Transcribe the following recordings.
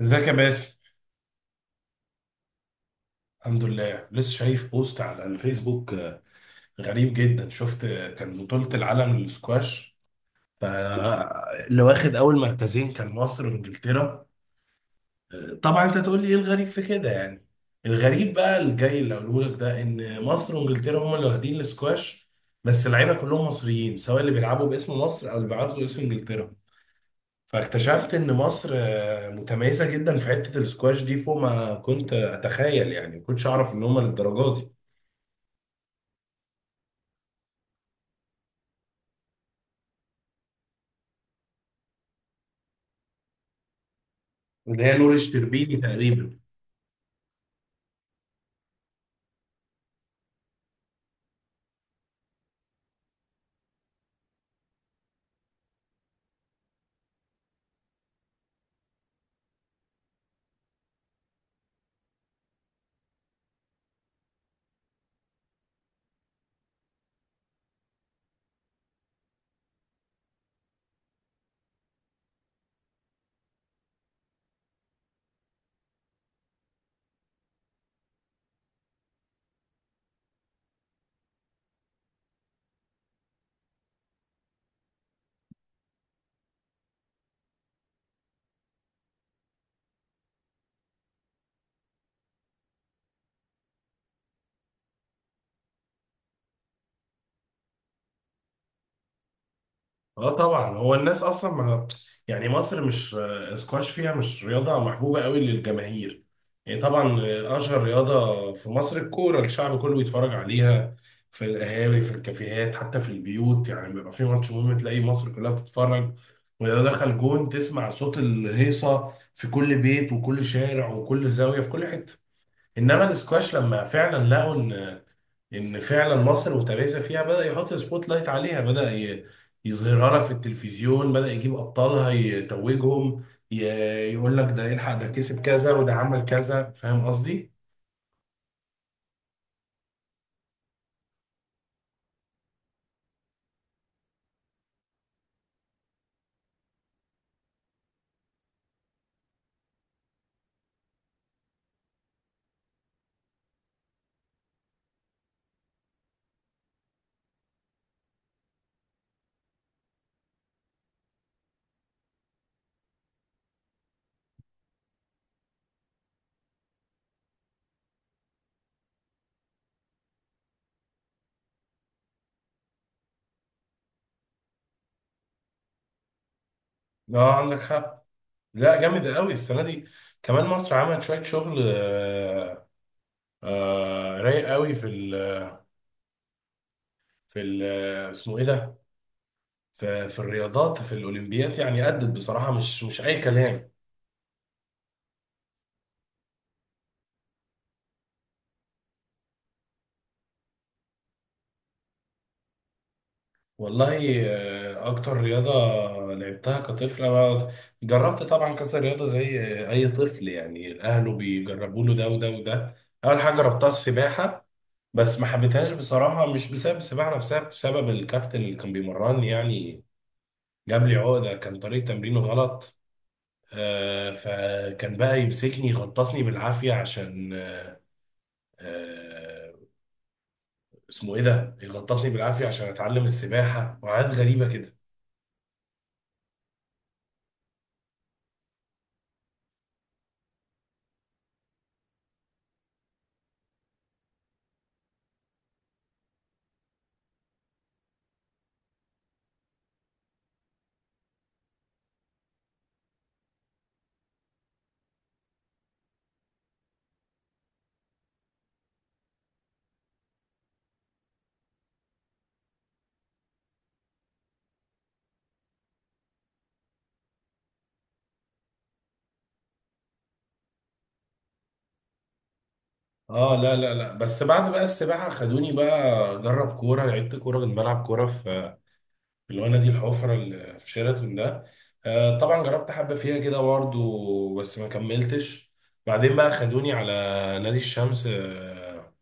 ازيك يا باسم؟ الحمد لله. لسه شايف بوست على الفيسبوك، غريب جدا. شفت كان بطولة العالم للسكواش، اللي واخد اول مركزين كان مصر وانجلترا. طبعا انت تقول لي ايه الغريب في كده، يعني الغريب بقى الجاي اللي هقوله لك ده ان مصر وانجلترا هم اللي واخدين السكواش، بس اللعيبه كلهم مصريين، سواء اللي بيلعبوا باسم مصر او اللي بيلعبوا باسم انجلترا. فاكتشفت ان مصر متميزه جدا في حته السكواش دي، فوق ما كنت اتخيل. يعني ما كنتش اعرف ان هم للدرجه دي. اللي هي نور الشربيني تقريبا. اه، طبعا هو الناس اصلا ما، يعني مصر مش، سكواش فيها مش رياضه محبوبه قوي للجماهير. يعني طبعا اشهر رياضه في مصر الكوره، الشعب كله بيتفرج عليها في القهاوي، في الكافيهات، حتى في البيوت. يعني بيبقى في ماتش مهم، تلاقي مصر كلها بتتفرج. واذا دخل جون تسمع صوت الهيصه في كل بيت وكل شارع وكل زاويه في كل حته. انما السكواش لما فعلا لقوا ان فعلا مصر وتميزها فيها، بدأ يحط سبوت لايت عليها، يظهرها لك في التلفزيون، بدأ يجيب ابطالها يتوجهم، ي- يقول لك ده يلحق ده كسب كذا وده عمل كذا. فاهم قصدي؟ اه، عندك حق. لا، جامد قوي السنه دي. كمان مصر عملت شويه شغل، رايق قوي في ال اسمه ايه ده؟ في في الرياضات في الاولمبيات. يعني أدت بصراحه، مش اي كلام. والله أكتر رياضة لعبتها كطفل، أنا جربت طبعا كذا رياضة، زي أي طفل يعني أهله بيجربوا له ده وده وده. أول حاجة جربتها السباحة، بس ما حبيتهاش بصراحة. مش بسبب السباحة نفسها، بسبب الكابتن اللي كان بيمرني. يعني جاب لي عقدة، كان طريقة تمرينه غلط. فكان بقى يمسكني يغطسني بالعافية عشان آه، اسمه إيه ده، يغطسني بالعافية عشان أتعلم السباحة، وحاجات غريبة كده. اه لا لا لا، بس بعد بقى السباحه خدوني بقى اجرب كوره. لعبت كوره، كنت بلعب كوره في الوانا دي، الحفره اللي في شيراتون ده. آه، طبعا جربت حبه فيها كده برضه، بس ما كملتش. بعدين بقى خدوني على نادي الشمس، آه،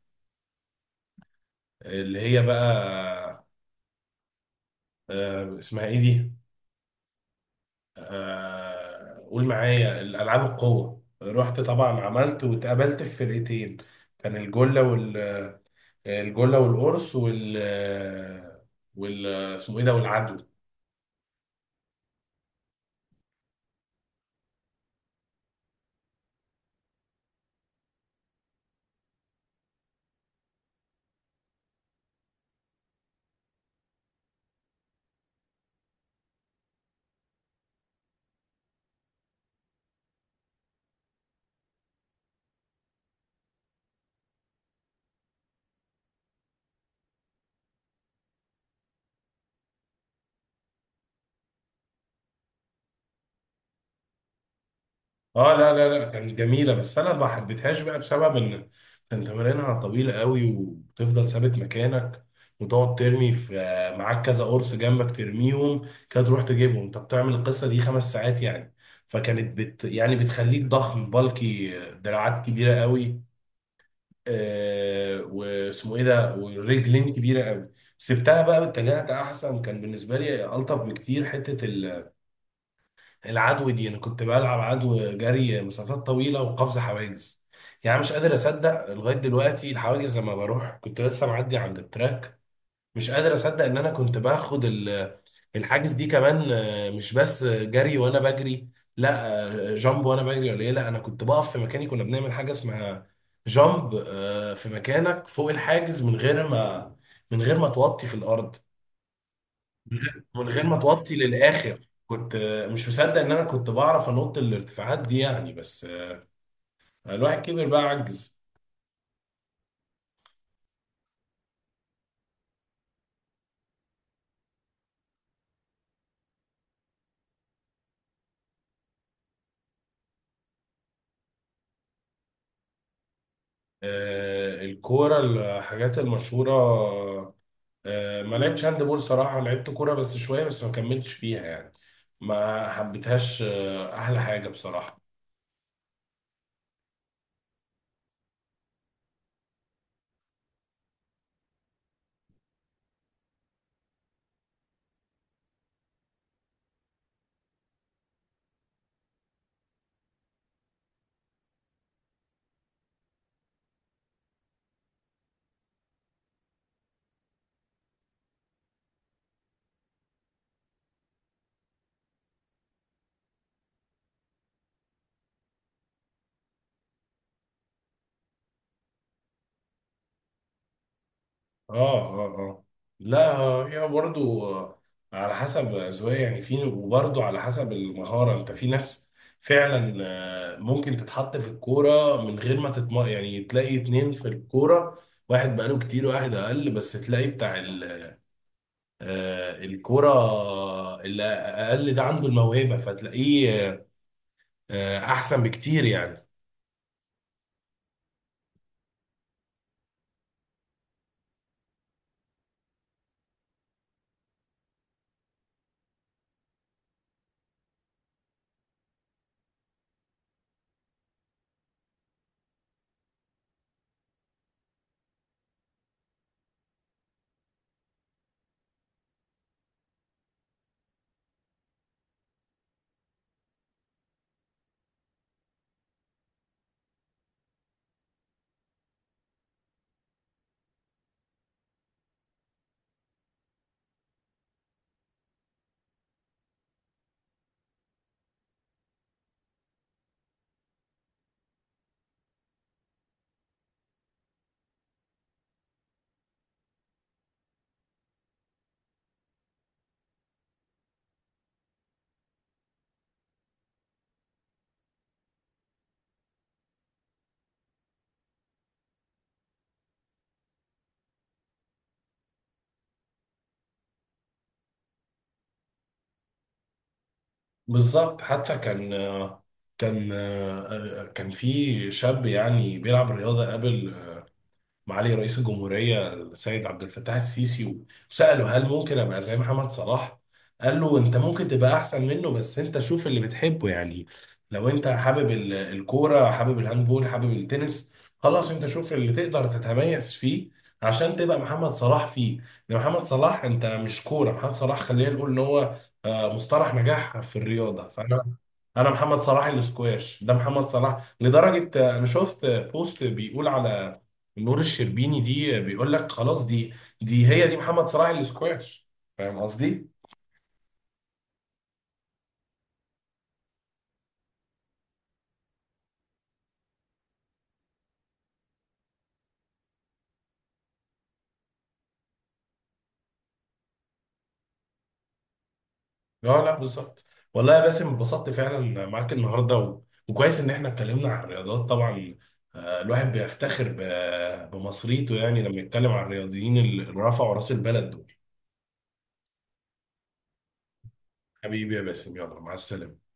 اللي هي بقى آه، اسمها ايه دي، آه قول معايا، الالعاب القوه. رحت طبعا، عملت واتقابلت في فرقتين، كان الجله، الجله والقرص وال، وال اسمه ايه ده، والعدو. اه لا لا لا، كانت جميله بس انا ما حبيتهاش بقى، بسبب ان كان تمارينها طويله قوي، وتفضل ثابت مكانك وتقعد ترمي في، معاك كذا قرص جنبك ترميهم كده، تروح تجيبهم، انت بتعمل القصه دي 5 ساعات يعني. فكانت بت يعني بتخليك ضخم بالكي، دراعات كبيره قوي، آه واسمه ايه ده، ورجلين كبيره قوي. سبتها بقى واتجهت، احسن كان بالنسبه لي الطف بكتير، حته العدو دي. انا كنت بلعب عدو، جري مسافات طويله وقفز حواجز. يعني مش قادر اصدق لغايه دلوقتي الحواجز، لما بروح كنت لسه معدي عند التراك، مش قادر اصدق ان انا كنت باخد الحاجز دي. كمان مش بس جري وانا بجري، لا، جامب وانا بجري ولا ايه؟ لا انا كنت بقف في مكاني، كنا بنعمل حاجه اسمها جامب، في مكانك فوق الحاجز، من غير ما، من غير ما توطي في الارض. من غير ما توطي للاخر. كنت مش مصدق ان انا كنت بعرف انط الارتفاعات دي يعني، بس الواحد كبر بقى عجز. الكوره، الحاجات المشهوره، ما لعبتش هاند بول صراحة. لعبت كورة بس شوية، بس ما كملتش فيها يعني، ما حبيتهاش. أحلى حاجة بصراحة. اه اه اه، لا هي برضو على حسب أذواق يعني، في وبرضو على حسب المهارة. انت في ناس فعلا ممكن تتحط في الكورة من غير ما تتم، يعني تلاقي اتنين في الكورة، واحد بقاله كتير وواحد أقل، بس تلاقي بتاع الكورة اللي أقل ده عنده الموهبة، فتلاقيه احسن بكتير يعني. بالظبط. حتى كان كان آه، كان في شاب يعني بيلعب رياضه قبل معالي رئيس الجمهورية السيد عبد الفتاح السيسي، وسأله هل ممكن أبقى زي محمد صلاح؟ قال له أنت ممكن تبقى أحسن منه، بس أنت شوف اللي بتحبه. يعني لو أنت حابب الكورة، حابب الهاندبول، حابب التنس، خلاص أنت شوف اللي تقدر تتميز فيه عشان تبقى محمد صلاح فيه. لأن محمد صلاح أنت مش كورة محمد صلاح، خلينا نقول إن هو مصطلح نجاح في الرياضة. فأنا محمد صلاح الاسكواش ده محمد صلاح، لدرجة أنا شفت بوست بيقول على نور الشربيني دي، بيقول لك خلاص دي، دي هي محمد صلاح الاسكواش. فاهم قصدي؟ لا لا، بالظبط. والله يا باسم اتبسطت فعلا معاك النهارده، و... وكويس ان احنا اتكلمنا عن الرياضات. طبعا الواحد بيفتخر ب، بمصريته، يعني لما يتكلم عن الرياضيين اللي رفعوا راس البلد دول. حبيبي يا باسم، يلا مع السلامة.